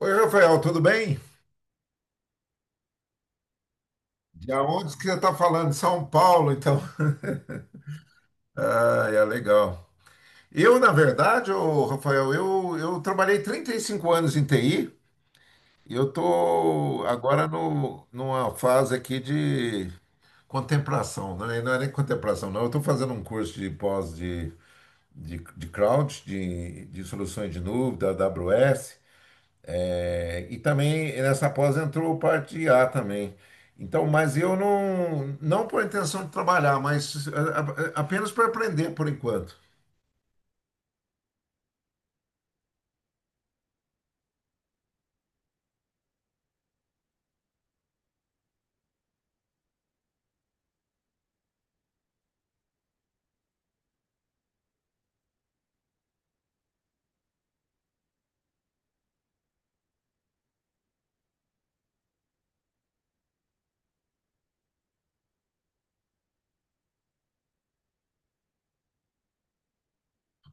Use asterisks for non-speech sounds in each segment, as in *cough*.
Oi, Rafael, tudo bem? De onde que você está falando? São Paulo, então. *laughs* Ah, é legal. Eu, na verdade, ô, Rafael, eu trabalhei 35 anos em TI e eu estou agora no, numa fase aqui de contemplação, né? Não é nem contemplação, não. Eu estou fazendo um curso de pós de cloud, de soluções de nuvem, da AWS. É, e também nessa pós entrou parte de A também. Então, mas eu não por intenção de trabalhar, mas apenas para aprender por enquanto.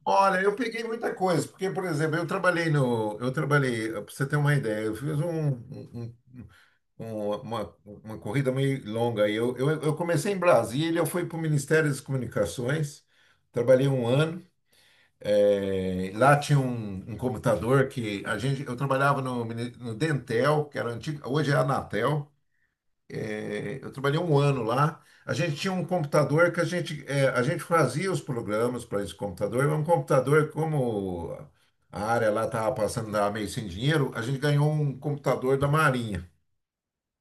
Olha, eu peguei muita coisa, porque, por exemplo, eu trabalhei no, eu trabalhei, para você ter uma ideia, eu fiz um- uma corrida meio longa aí. Eu comecei em Brasília, eu fui para o Ministério das Comunicações, trabalhei 1 ano. É, lá tinha um computador que a gente, eu trabalhava no Dentel, que era antigo, hoje é a Anatel. É, eu trabalhei 1 ano lá. A gente tinha um computador que a gente, é, a gente fazia os programas para esse computador. Era um computador como a área lá estava passando, tava meio sem dinheiro, a gente ganhou um computador da Marinha.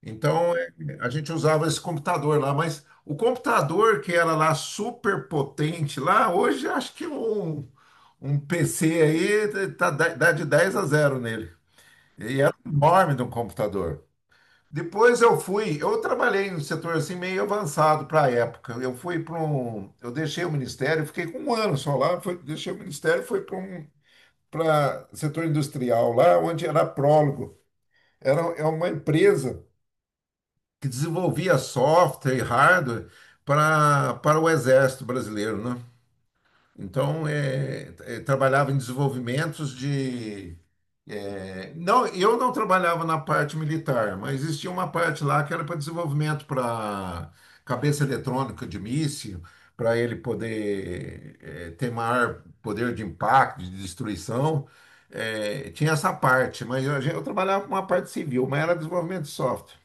Então é, a gente usava esse computador lá, mas o computador que era lá super potente lá, hoje acho que um PC aí tá, dá de 10 a 0 nele. Enorme de um computador. Depois eu fui, eu trabalhei no setor assim meio avançado para a época. Eu fui para um, Eu deixei o ministério, fiquei com 1 ano só lá, foi, deixei o ministério, fui para setor industrial lá, onde era prólogo. É uma empresa que desenvolvia software e hardware para o exército brasileiro, né? Então, trabalhava em desenvolvimentos de... Não, eu não trabalhava na parte militar, mas existia uma parte lá que era para desenvolvimento para cabeça eletrônica de míssil, para ele poder ter maior poder de impacto, de destruição. Tinha essa parte, mas eu trabalhava com uma parte civil, mas era desenvolvimento de software.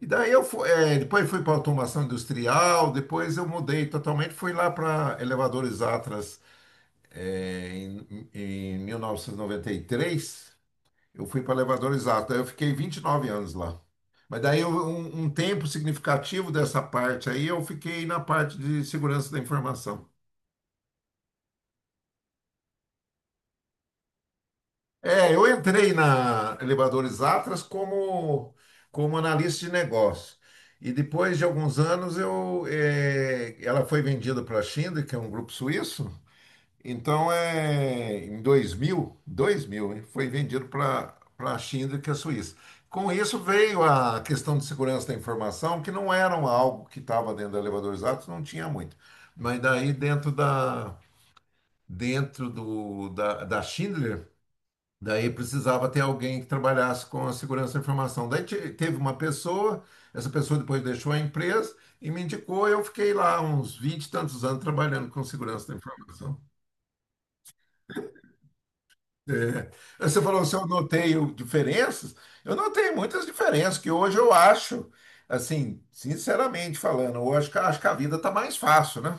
E daí eu fui, depois fui para automação industrial, depois eu mudei totalmente, fui lá para elevadores Atlas em 1993. Eu fui para elevador, exato. Aí eu fiquei 29 anos lá. Mas um, um tempo significativo dessa parte aí eu fiquei na parte de segurança da informação. É, eu entrei na Elevadores Atlas como, como analista de negócio. E depois de alguns anos eu, ela foi vendida para a Schindler, que é um grupo suíço. Então, é, em 2000, hein, foi vendido para a Schindler, que é a Suíça. Com isso veio a questão de segurança da informação, que não era um algo que estava dentro da Elevadores Atos, não tinha muito. Mas daí dentro da Schindler, daí precisava ter alguém que trabalhasse com a segurança da informação. Teve uma pessoa, essa pessoa depois deixou a empresa e me indicou, eu fiquei lá uns 20 e tantos anos trabalhando com segurança da informação. É. Você falou se eu noteio diferenças, eu notei muitas diferenças, que hoje eu acho, assim, sinceramente falando, eu acho acho que a vida está mais fácil, né?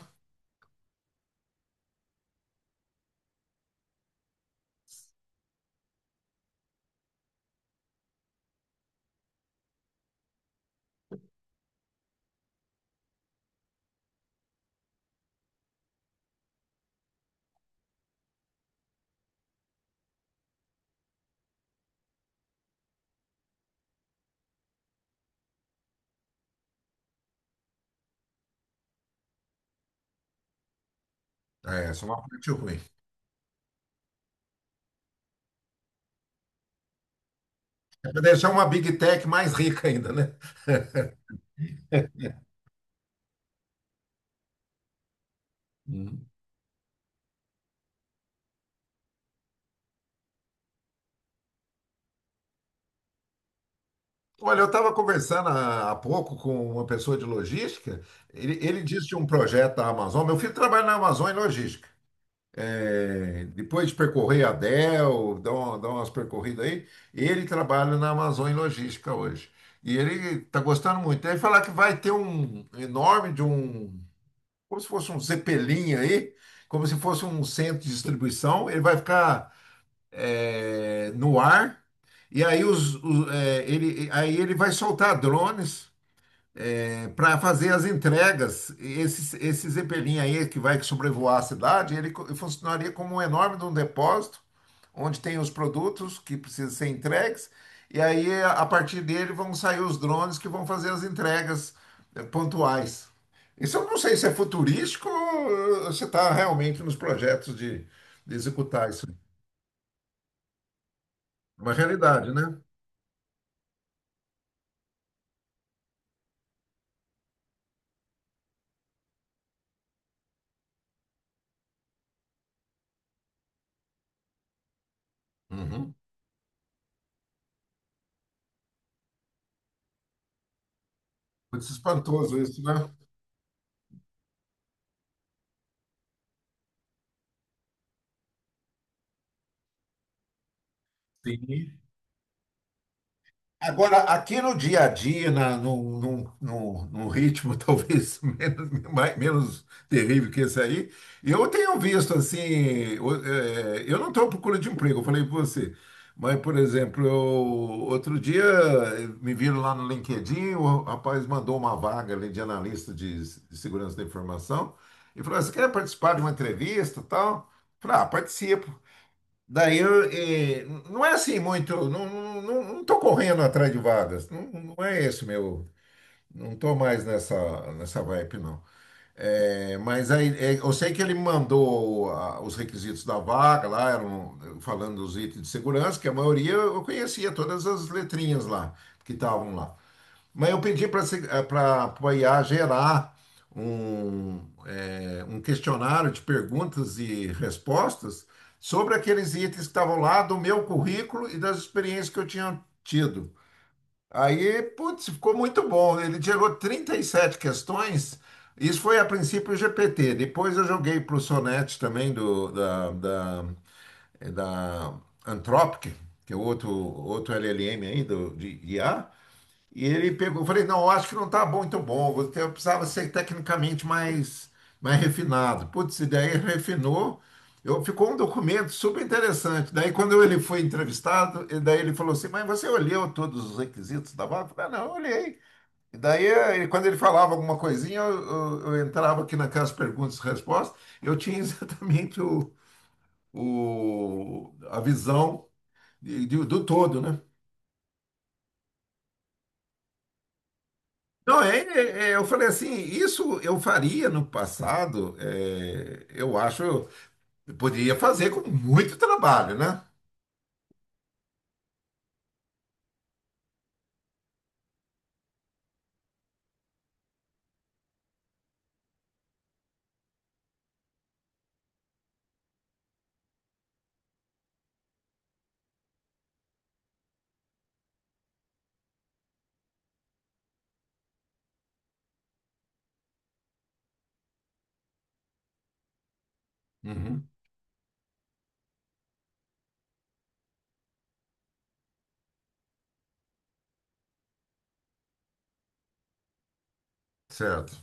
É, essa é uma parte ruim. É para deixar uma Big Tech mais rica ainda, né? Hum. Olha, eu estava conversando há pouco com uma pessoa de logística, ele disse de um projeto da Amazon, meu filho trabalha na Amazon em logística. É, depois de percorrer a Dell, dar umas percorridas aí, ele trabalha na Amazon em logística hoje. E ele está gostando muito. Ele fala que vai ter um enorme de um, como se fosse um Zeppelin aí, como se fosse um centro de distribuição. Ele vai ficar é, no ar. E aí, ele vai soltar drones para fazer as entregas, esse Zeppelin aí que vai sobrevoar a cidade, funcionaria como um enorme de um depósito, onde tem os produtos que precisam ser entregues, e aí a partir dele vão sair os drones que vão fazer as entregas pontuais. Isso eu não sei se é futurístico ou se está realmente nos projetos de executar isso. É uma realidade, né? Uhum. Muito espantoso isso, né? Sim. Agora, aqui no dia a dia, na, num, num, num, num ritmo *laughs* talvez menos, menos terrível que esse aí, eu tenho visto assim, eu não estou à procura de emprego, eu falei para você, mas, por exemplo, eu, outro dia me viram lá no LinkedIn, o rapaz mandou uma vaga ali de analista de segurança da informação, e falou, você quer participar de uma entrevista e tal? Eu falei, ah, participo. Daí eu, não é assim muito, não tô correndo atrás de vagas, não, não é esse meu, não tô mais nessa vibe, não. Eu sei que ele me mandou os requisitos da vaga lá, eram falando dos itens de segurança, que a maioria eu conhecia todas as letrinhas lá, que estavam lá. Mas eu pedi para a IA gerar um, um questionário de perguntas e respostas sobre aqueles itens que estavam lá do meu currículo e das experiências que eu tinha tido. Aí, putz, ficou muito bom. Ele gerou 37 questões. Isso foi a princípio o GPT. Depois eu joguei para o Sonnet também, do, da, da, é, da Anthropic, que é outro, outro LLM aí de IA. E ele pegou, eu falei, não, eu acho que não tá bom, então bom, você eu precisava ser tecnicamente mais refinado. Putz, e daí refinou, eu, ficou um documento super interessante. Daí quando ele foi entrevistado, e daí ele falou assim, mas você olhou todos os requisitos da vaga? Eu falei, ah, não, eu olhei. E daí, quando ele falava alguma coisinha, eu entrava aqui naquelas perguntas e respostas, eu tinha *laughs* exatamente a visão do todo, né? Não, eu falei assim, isso eu faria no passado, é, eu acho, eu poderia fazer com muito trabalho, né? Uhum. Certo.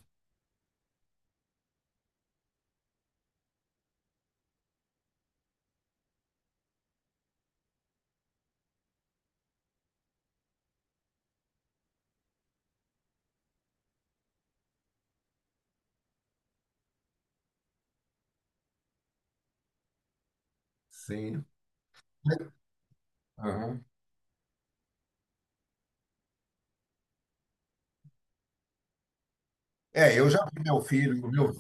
Sim. Aham. É, eu já vi meu filho,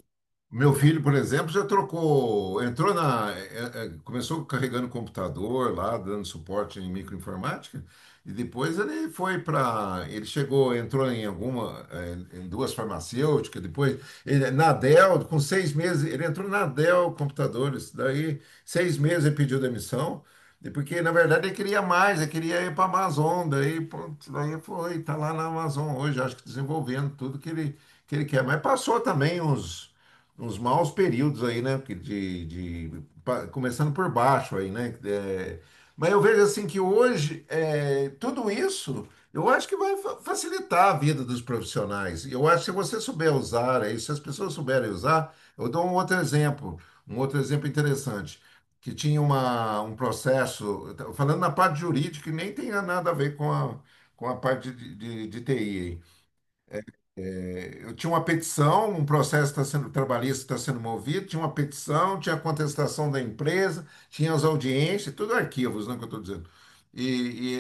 meu filho, por exemplo, já trocou, entrou começou carregando computador lá, dando suporte em microinformática, e depois ele foi para, ele chegou, entrou em alguma, é, em duas farmacêuticas, depois ele, na Dell, com 6 meses, ele entrou na Dell Computadores, daí 6 meses ele pediu demissão, e porque na verdade ele queria mais, ele queria ir para a Amazon, daí, pronto, daí foi, está lá na Amazon hoje, acho que desenvolvendo tudo que ele quer, mas passou também uns maus períodos aí, né? que de- pa- Começando por baixo aí, né? É, mas eu vejo assim que hoje é, tudo isso eu acho que facilitar a vida dos profissionais. Eu acho que se você souber usar aí, se as pessoas souberem usar, eu dou um outro exemplo interessante. Que tinha um processo, eu tô falando na parte jurídica, que nem tem nada a ver com a parte de TI. Aí eu tinha uma petição, um processo está sendo trabalhista, está sendo movido, tinha uma petição, tinha a contestação da empresa, tinha as audiências, tudo arquivos, não é que eu estou dizendo. E,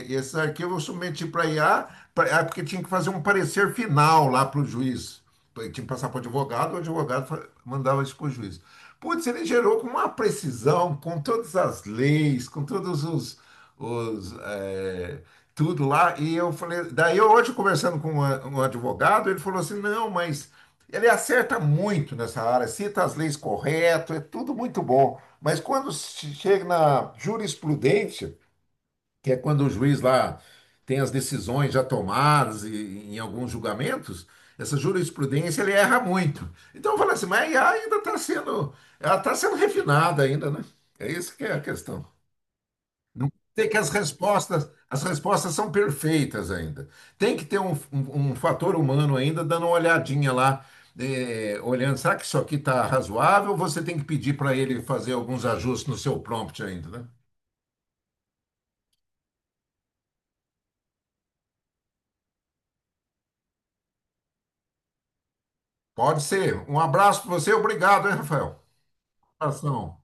e- E esses arquivos eu submeti para IA, porque tinha que fazer um parecer final lá para o juiz. Tinha que passar para o advogado, mandava isso para o juiz. Putz, ele gerou com uma precisão, com todas as leis, com todos os, é, tudo lá. E eu falei, daí eu hoje conversando com um advogado, ele falou assim: não, mas ele acerta muito nessa área, cita as leis correto, é tudo muito bom. Mas quando se chega na jurisprudência, que é quando o juiz lá tem as decisões já tomadas e, em alguns julgamentos, essa jurisprudência ele erra muito. Então eu falo assim, mas a IA ainda está sendo, ela está sendo refinada ainda, né? É isso que é a questão. Não tem que as respostas são perfeitas ainda. Tem que ter um fator humano ainda dando uma olhadinha lá, olhando, será que isso aqui está razoável? Você tem que pedir para ele fazer alguns ajustes no seu prompt ainda, né? Pode ser. Um abraço para você, obrigado, hein, Rafael? Abração.